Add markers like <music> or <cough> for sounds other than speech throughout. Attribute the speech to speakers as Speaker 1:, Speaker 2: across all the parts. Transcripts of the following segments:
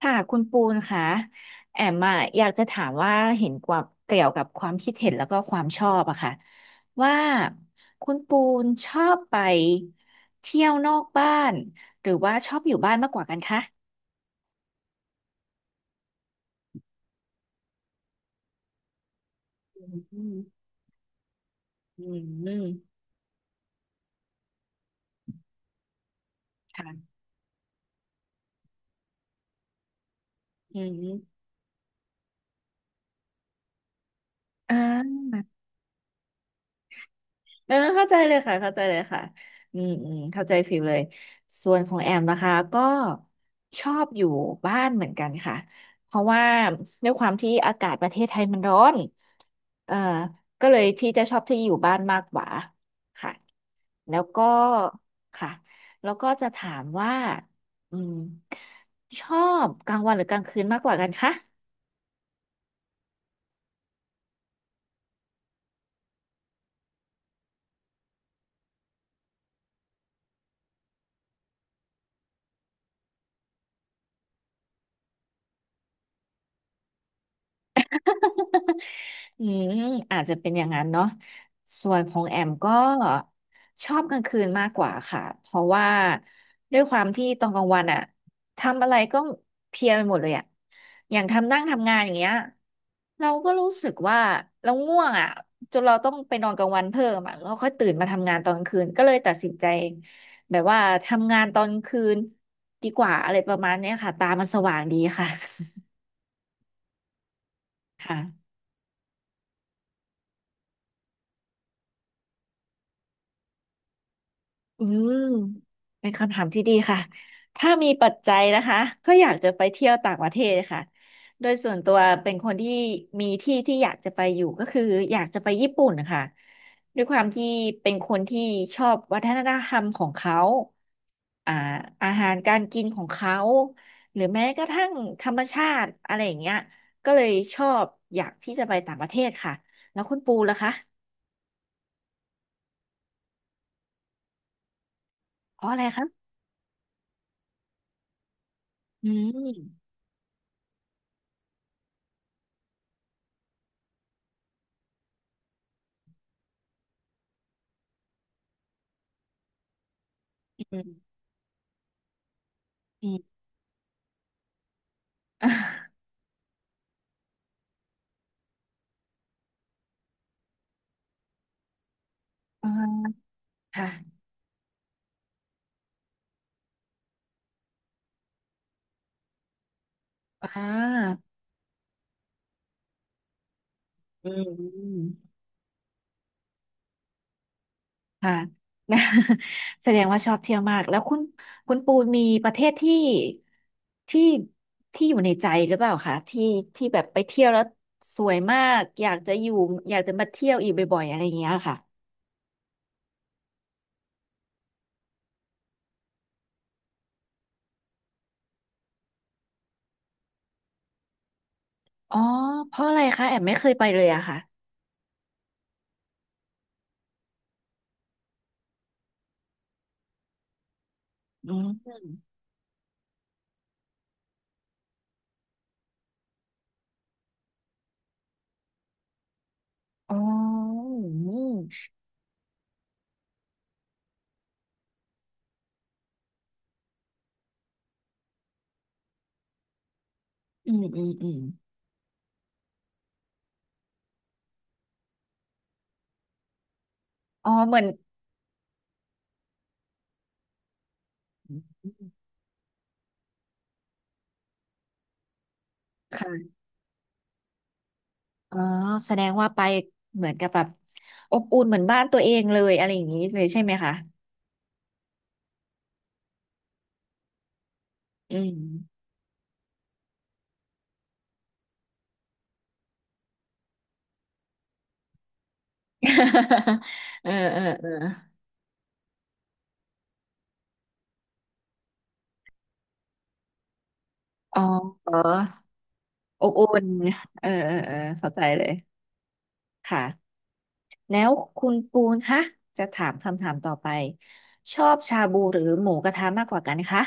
Speaker 1: ค่ะคุณปูนค่ะแอมอะอยากจะถามว่าเห็นกว่าเกี่ยวกับความคิดเห็นแล้วก็ความชอบอะค่ะว่าคุณปูนชอบไปเที่ยวนอกบ้านหรือว่าชอบอยู่บ้านมากกว่ากันคะอืมอืมอืมค่ะอืมอ่า เออเข้าใจเลยค่ะเข้าใจเลยค่ะอืมอืมเข้าใจฟิลเลยส่วนของแอมนะคะก็ชอบอยู่บ้านเหมือนกันค่ะเพราะว่าด้วยความที่อากาศประเทศไทยมันร้อนเออก็เลยที่จะชอบที่อยู่บ้านมากกว่าค่ะแล้วก็ค่ะแล้วก็จะถามว่าอืมชอบกลางวันหรือกลางคืนมากกว่ากันคะ อืมอาจจะเป็นอย่างนั้นเนาะส่วนของแอมก็ชอบกลางคืนมากกว่าค่ะเพราะว่าด้วยความที่ตอนกลางวันอะทำอะไรก็เพลียไปหมดเลยอะอย่างทำนั่งทำงานอย่างเงี้ยเราก็รู้สึกว่าเราง่วงอะจนเราต้องไปนอนกลางวันเพิ่มอะแล้วค่อยตื่นมาทำงานตอนกลางคืนก็เลยตัดสินใจแบบว่าทำงานตอนกลางคืนดีกว่าอะไรประมาณเนี้ยค่ะตามันสว่างดีค่ะ <laughs> ค่ะ อืมเป็นคำถามที่ดีค่ะถ้ามีปัจจัยนะคะก็อยากจะไปเที่ยวต่างประเทศค่ะโดยส่วนตัวเป็นคนที่มีที่ที่อยากจะไปอยู่ก็คืออยากจะไปญี่ปุ่นนะคะด้วยความที่เป็นคนที่ชอบวัฒนธรรมของเขาอ่าอาหารการกินของเขาหรือแม้กระทั่งธรรมชาติอะไรอย่างเงี้ยก็เลยชอบอยากที่จะไปต่างประเทศค่ะแล้วคุณปูล่ะคะเพราะอะไรคะอืมอืมอืม อ่าค่ะอ่าอืมอืมค่ะ <laughs> แสดงว่าชอบเที่ยวมากแล้วคุณคุณปูนมีประเทศที่ที่ที่อยู่ในใจหรือเปล่าคะที่ที่แบบไปเที่ยวแล้วสวยมากอยากจะอยู่อยากจะมาเที่ยวอีกบ่อยๆอะไรอย่างเงี้ยค่ะอ๋อเพราะอะไรคะแอมไม่เคยไปเลยอะค่ะอืมอ๋ออืมอืมอืมอืมอ๋อเหมือนค่ะ อ๋อแสดงว่าไปเหมือนกับแบบอบอุ่นเหมือนบ้านตัวเองเลยอะไรอย่างนี้เลยใช่ไหมคะอืม <laughs> เออเออเอออ๋อเอออบอุ่นเออเออเออเข้าใจเลยค่ะแล้วคุณปูนคะจะถามคำถามต่อไปชอบชาบูหรือหมูกระทะมากกว่ากันคะ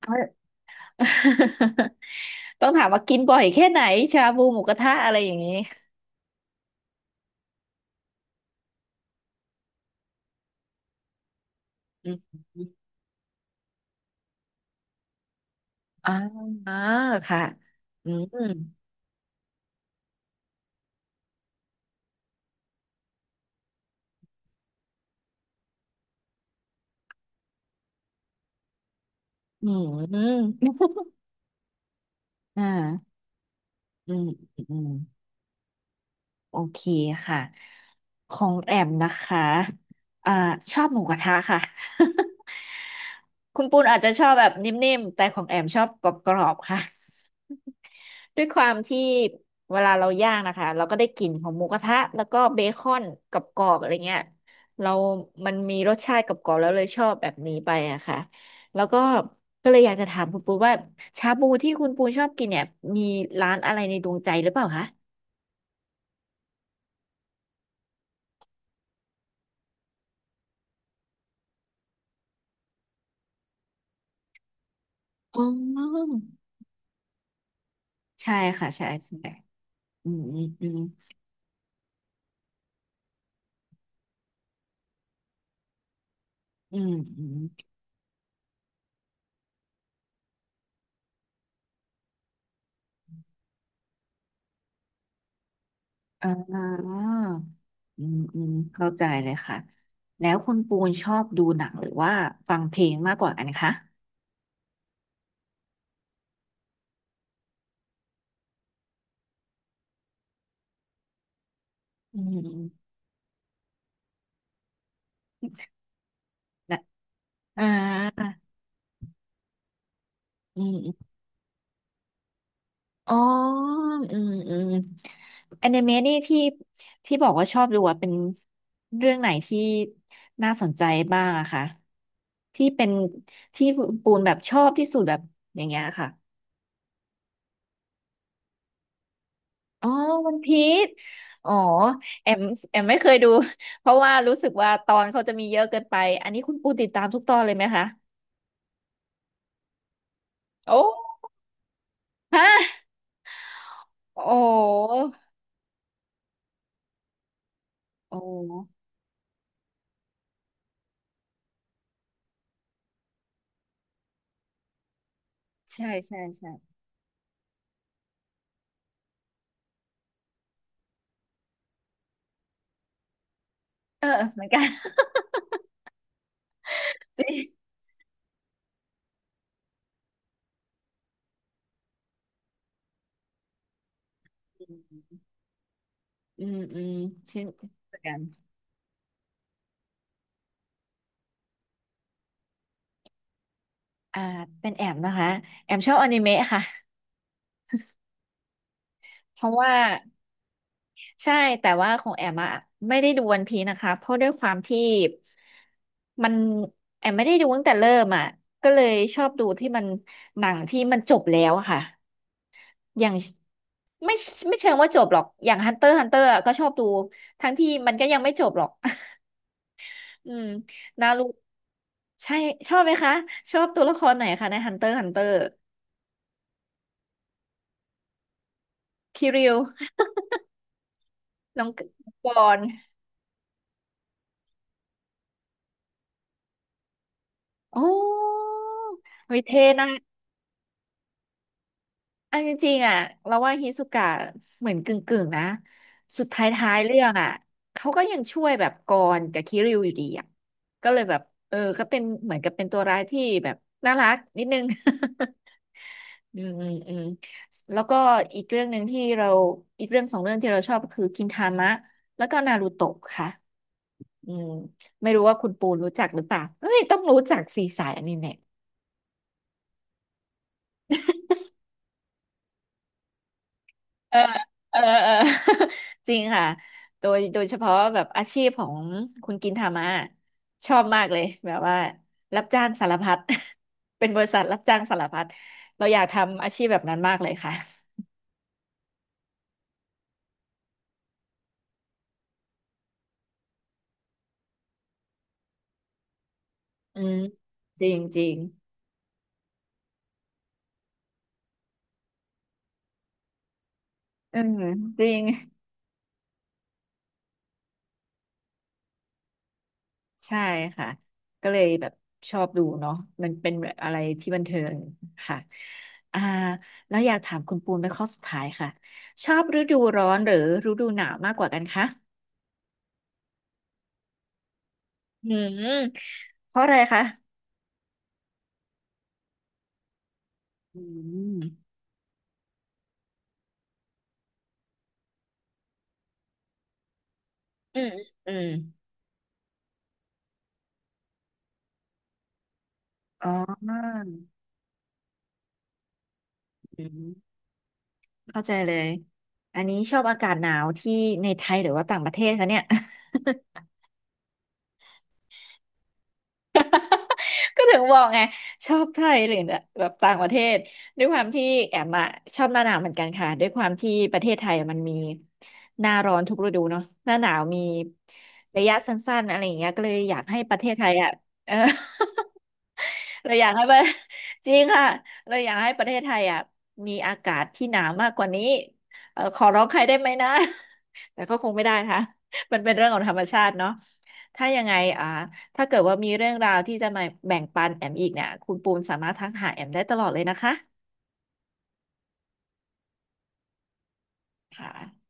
Speaker 1: เอา <laughs> ต้องถามว่ากินบ่อยแค่ไหนชาบูหมูกระทะอะไรอย่างนี้อืมอ่าอ่าค่ะอืม อืมอ่าอืมอืมโอเคค่ะ ของแอมนะคะอ่าชอบหมูกระทะค่ะ <laughs> คุณปูนอาจจะชอบแบบนิ่มๆ แต่ของแอมชอบกรอบๆค่ะ <laughs> ด้วยความที่เวลาเราย่างนะคะ เราก็ได้กลิ่นของหมูกระทะแล้วก็เบคอนกรอบๆอะไรเงี้ยเรามันมีรสชาติกรอบๆแล้วเลยชอบแบบนี้ไปอะค่ะแล้วก็ก็เลยอยากจะถามคุณปูนว่าชาบูที่คุณปูนชอบกินเนี่ยมีร้านอะไรในดวงใจหรือเปล่าคะ อ๋อใช่ค่ะใช่ใช่อืมอืมอืมอืมอืมอ่าอืมอืมเข้าใจเลยค่ะ แล้วคุณปูนชอบดูหนังหรือว่าฟังเพลงมากกว่ากันคะอืมอืมและอ่าอืมอมอ๋ออืมอืมแอนิเมะนี่ที่ที่บอกว่าชอบดูอะเป็นเรื่องไหนที่น่าสนใจบ้างอะคะที่เป็นที่คุณปูนแบบชอบที่สุดแบบอย่างเงี้ยค่ะ อ๋อวันพีชอ๋อแอมแอมไม่เคยดู <laughs> เพราะว่ารู้สึกว่าตอนเขาจะมีเยอะเกินไปอันนี้คุณปูติดตามทุกตอนเลยไหมคะโอ้ฮะโอ้โอ้ใช่ใช่ใช่เออเหมือนกัน <laughs> จริงอืมอืมอชินเหมือนกันอ่าเป็นแอมนะคะแอมชอบอนิเมะค่ะเพราะว่า ใช่แต่ว่าของแอมอะไม่ได้ดูวันพีนะคะเพราะด้วยความที่มันแอมไม่ได้ดูตั้งแต่เริ่มอะก็เลยชอบดูที่มันหนังที่มันจบแล้วอะค่ะอย่างไม่ไม่เชิงว่าจบหรอกอย่างฮันเตอร์ฮันเตอร์ก็ชอบดูทั้งที่มันก็ยังไม่จบหรอก <laughs> อืมนารูใช่ชอบไหมคะชอบตัวละครไหนคะในฮันเตอร์ฮันเตอร์คิริวน้องกรณ์โอ้เฮ้ยเท่นะ อันจริงๆอ่ะเราว่าฮิสุกะเหมือนกึ่งๆนะสุดท้ายท้ายเรื่องอ่ะเขาก็ยังช่วยแบบกรกับคิริวอยู่ดีอ่ะก็เลยแบบเออก็เป็นเหมือนกับเป็นตัวร้ายที่แบบน่ารักนิดนึง <laughs> อืมอืมอืมแล้วก็อีกเรื่องหนึ่งที่เราอีกเรื่องสองเรื่องที่เราชอบก็คือกินทามะแล้วก็นารูโตะค่ะอืมไม่รู้ว่าคุณปูนรู้จักหรือเปล่าเฮ้ยต้องรู้จักสีสายอนิเมะ เออเออเออ <laughs> จริงค่ะโดยโดยเฉพาะแบบอาชีพของคุณกินทามาชอบมากเลยแบบว่ารับจ้างสารพัด <laughs> เป็นบริษัทรับจ้างสารพัดเราอยากทำอาชีพแบบนั้นมากเลยค่ะ <laughs> อืมจริงจริงเออจริงใช่ค่ะก็เลยแบบชอบดูเนาะมันเป็นแบบอะไรที่บันเทิงค่ะอ่าแล้วอยากถามคุณปูนเป็นข้อสุดท้ายค่ะชอบฤดูร้อนหรือฤดูหนาวมากกว่ากันคะ อืมเพราะอะไรคะ อืม อืม อืมอ๋ออืม เข้าใจเลย อันนี้ชอบอากาศหนาวที่ในไทยหรือว่าต่างประเทศคะเนี่ย <laughs> ก็ถึงบอกไงชอบไทยหรือแบบต่างประเทศด้วยความที่แอมอะชอบหน้าหนาวเหมือนกันค่ะด้วยความที่ประเทศไทยมันมีหน้าร้อนทุกฤดูเนาะหน้าหนาวมีระยะสั้นๆอะไรอย่างเงี้ยก็เลยอยากให้ประเทศไทยอะเออ <laughs> เราอยากให้ประ <laughs> จริงค่ะเราอยากให้ประเทศไทยอ่ะมีอากาศที่หนาวมากกว่านี้เออขอร้องใครได้ไหมนะ <laughs> แต่ก็คงไม่ได้ค่ะมันเป็นเรื่องของธรรมชาติเนาะถ้ายังไงอ่า ถ้าเกิดว่ามีเรื่องราวที่จะมาแบ่งปันแอมอีกเนี่ยคุณปูนสามารถทักหาแอมได้ตลอดเลยนะคะค่ะ